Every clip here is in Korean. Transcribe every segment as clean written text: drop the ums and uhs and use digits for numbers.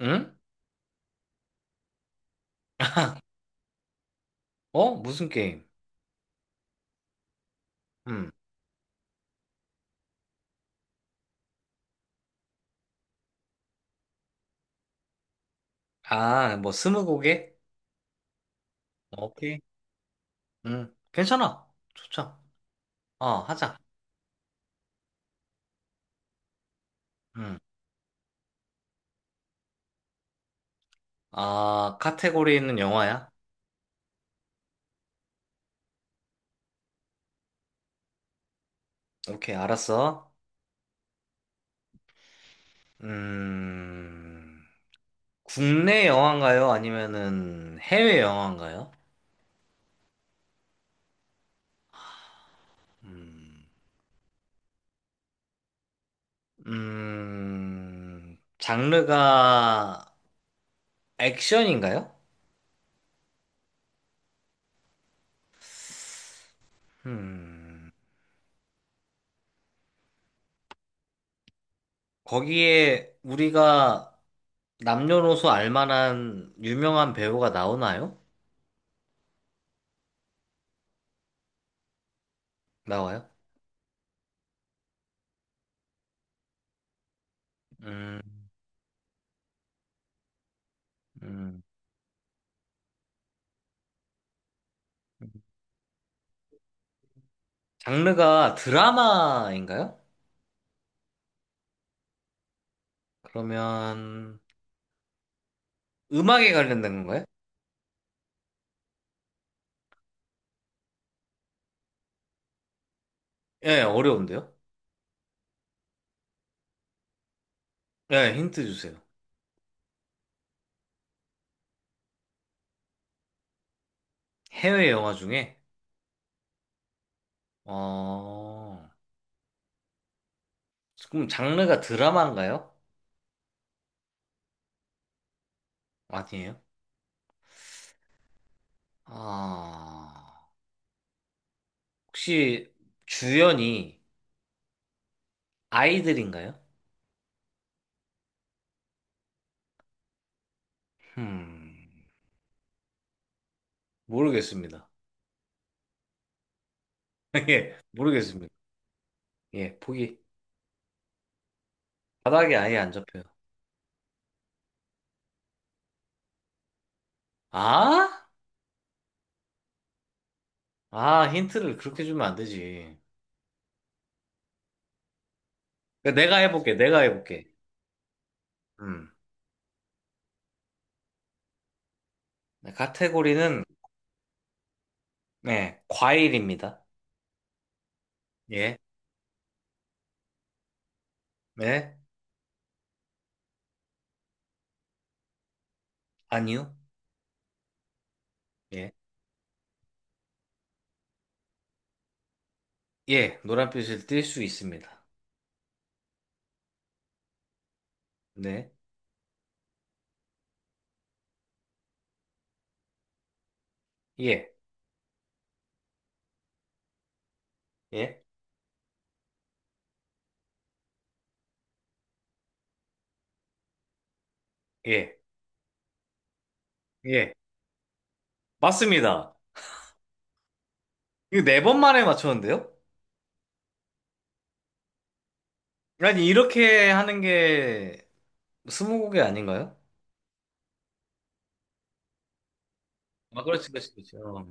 응? 어? 무슨 게임? 음. 아, 뭐 스무고개? 오케이. 음. 괜찮아. 좋죠. 어, 하자. 음. 아, 카테고리는 영화야? 오케이, 알았어. 음. 국내 영화인가요? 아니면은 해외 영화인가요? 음. 음. 장르가 액션인가요? 음. 거기에 우리가 남녀노소 알만한 유명한 배우가 나오나요? 나와요? 음, 음. 장르가 드라마인가요? 그러면 음악에 관련된 건가요? 예, 어려운데요? 예, 힌트 주세요. 해외 영화 중에? 어, 그럼 장르가 드라마인가요? 아니에요? 아, 혹시 주연이 아이들인가요? 음, 모르겠습니다. 예, 모르겠습니다. 예, 보기. 바닥에 아예 안 잡혀요. 아? 아, 힌트를 그렇게 주면 안 되지. 그러니까 내가 해볼게, 내가 해볼게. 음. 네, 카테고리는, 네, 과일입니다. 예, 네, 아니요. 예, 예, 노란빛을 띨 수 있습니다. 네, 예, 예, 예, 예. 맞습니다. 이거 네 번 만에 맞췄는데요? 아니, 이렇게 하는 게 스무고개 아닌가요? 아, 그렇지, 그렇지, 그렇지. 어.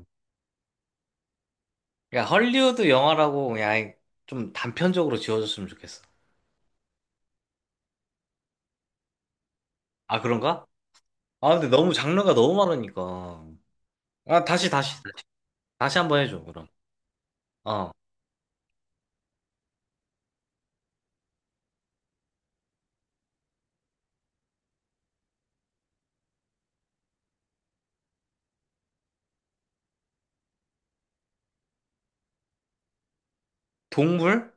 야, 헐리우드 영화라고 그냥 아예 좀 단편적으로 지어줬으면 좋겠어. 아, 그런가? 아, 근데 너무 장르가 너무 많으니까. 아, 다시, 다시, 다시. 다시 한번 해줘, 그럼. 어. 동물?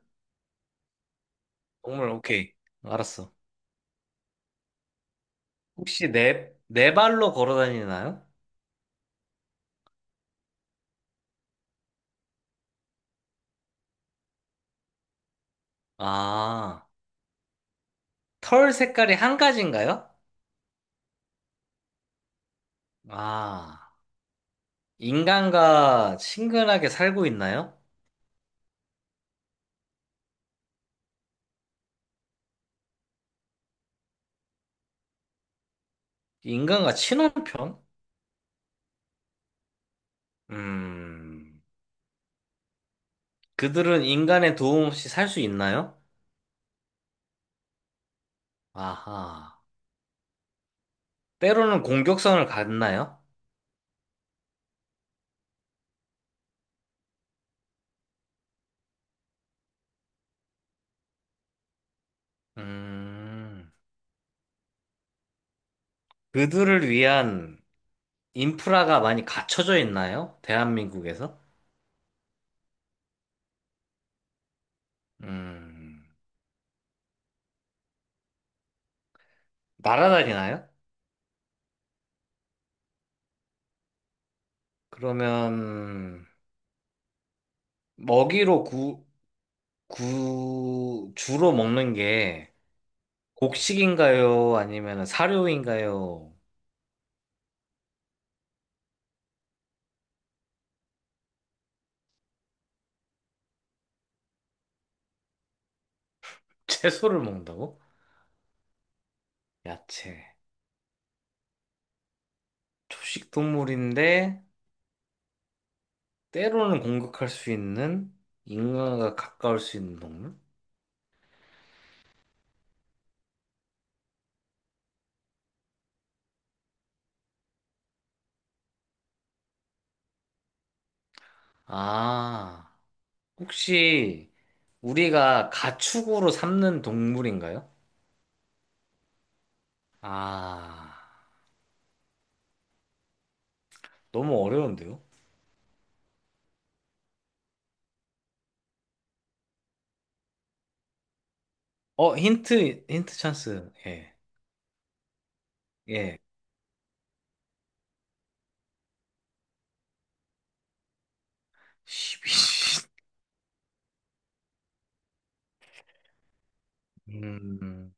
동물, 오케이. 알았어. 혹시 네, 네 발로 걸어 다니나요? 아, 털 색깔이 한 가지인가요? 아, 인간과 친근하게 살고 있나요? 인간과 친한 편 음, 그들은 인간의 도움 없이 살 수 있나요? 아하. 때로는 공격성을 갖나요? 음, 그들을 위한 인프라가 많이 갖춰져 있나요? 대한민국에서? 음, 날아다니나요? 그러면 먹이로 구, 구, 주로 먹는 게 곡식인가요? 아니면 사료인가요? 채소를 먹는다고? 야채. 초식 동물인데 때로는 공격할 수 있는 인간과 가까울 수 있는 동물? 아, 혹시 우리가 가축으로 삼는 동물인가요? 아, 너무 어려운데요? 어, 힌트, 힌트 찬스. 예, 예. 지2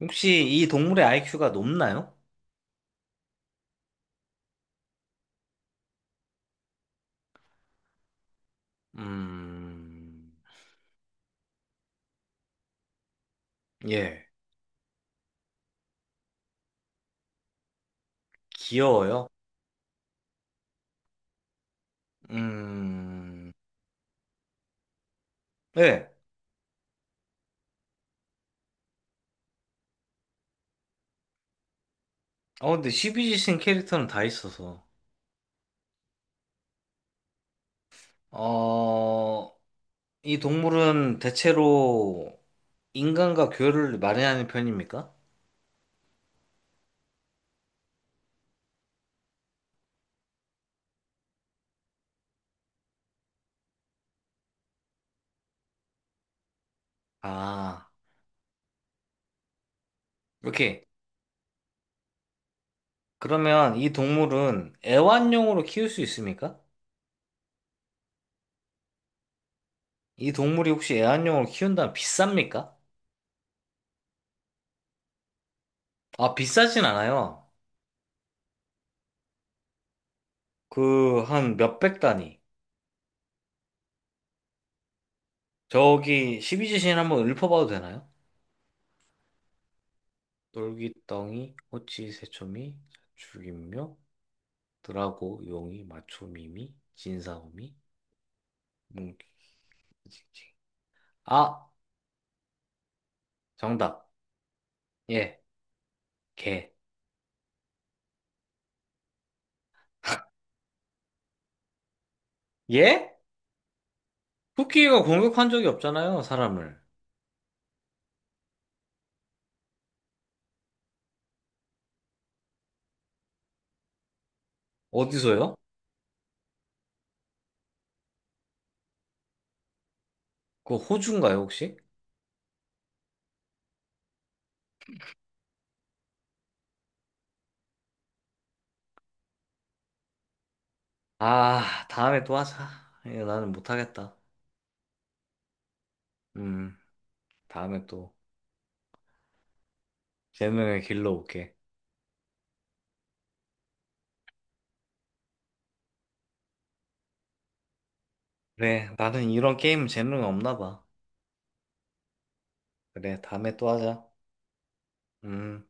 혹시 이 동물의 아이큐가 높나요? 음, 예. 귀여워요? 음, 예. 어, 근데 시비지신 캐릭터는 다 있어서. 어, 이 동물은 대체로 인간과 교류를 많이 하는 편입니까? 아, 오케이. 그러면 이 동물은 애완용으로 키울 수 있습니까? 이 동물이 혹시 애완용으로 키운다면 비쌉니까? 아, 비싸진 않아요. 그, 한 몇백 단위. 저기, 십이지신 한번 읊어봐도 되나요? 놀기덩이, 호치, 새초미, 죽임묘, 드라고, 용이, 마초미미, 진사오미, 뭉키, 징징. 아, 정답. 예, 개. 예? 쿠키가 공격한 적이 없잖아요, 사람을. 어디서요? 그거 호주인가요, 혹시? 아, 다음에 또 하자. 이거 나는 못하겠다. 음. 다음에 또 재능을 길러 올게. 그래, 나는 이런 게임 재능 없나 봐. 그래, 다음에 또 하자. 음.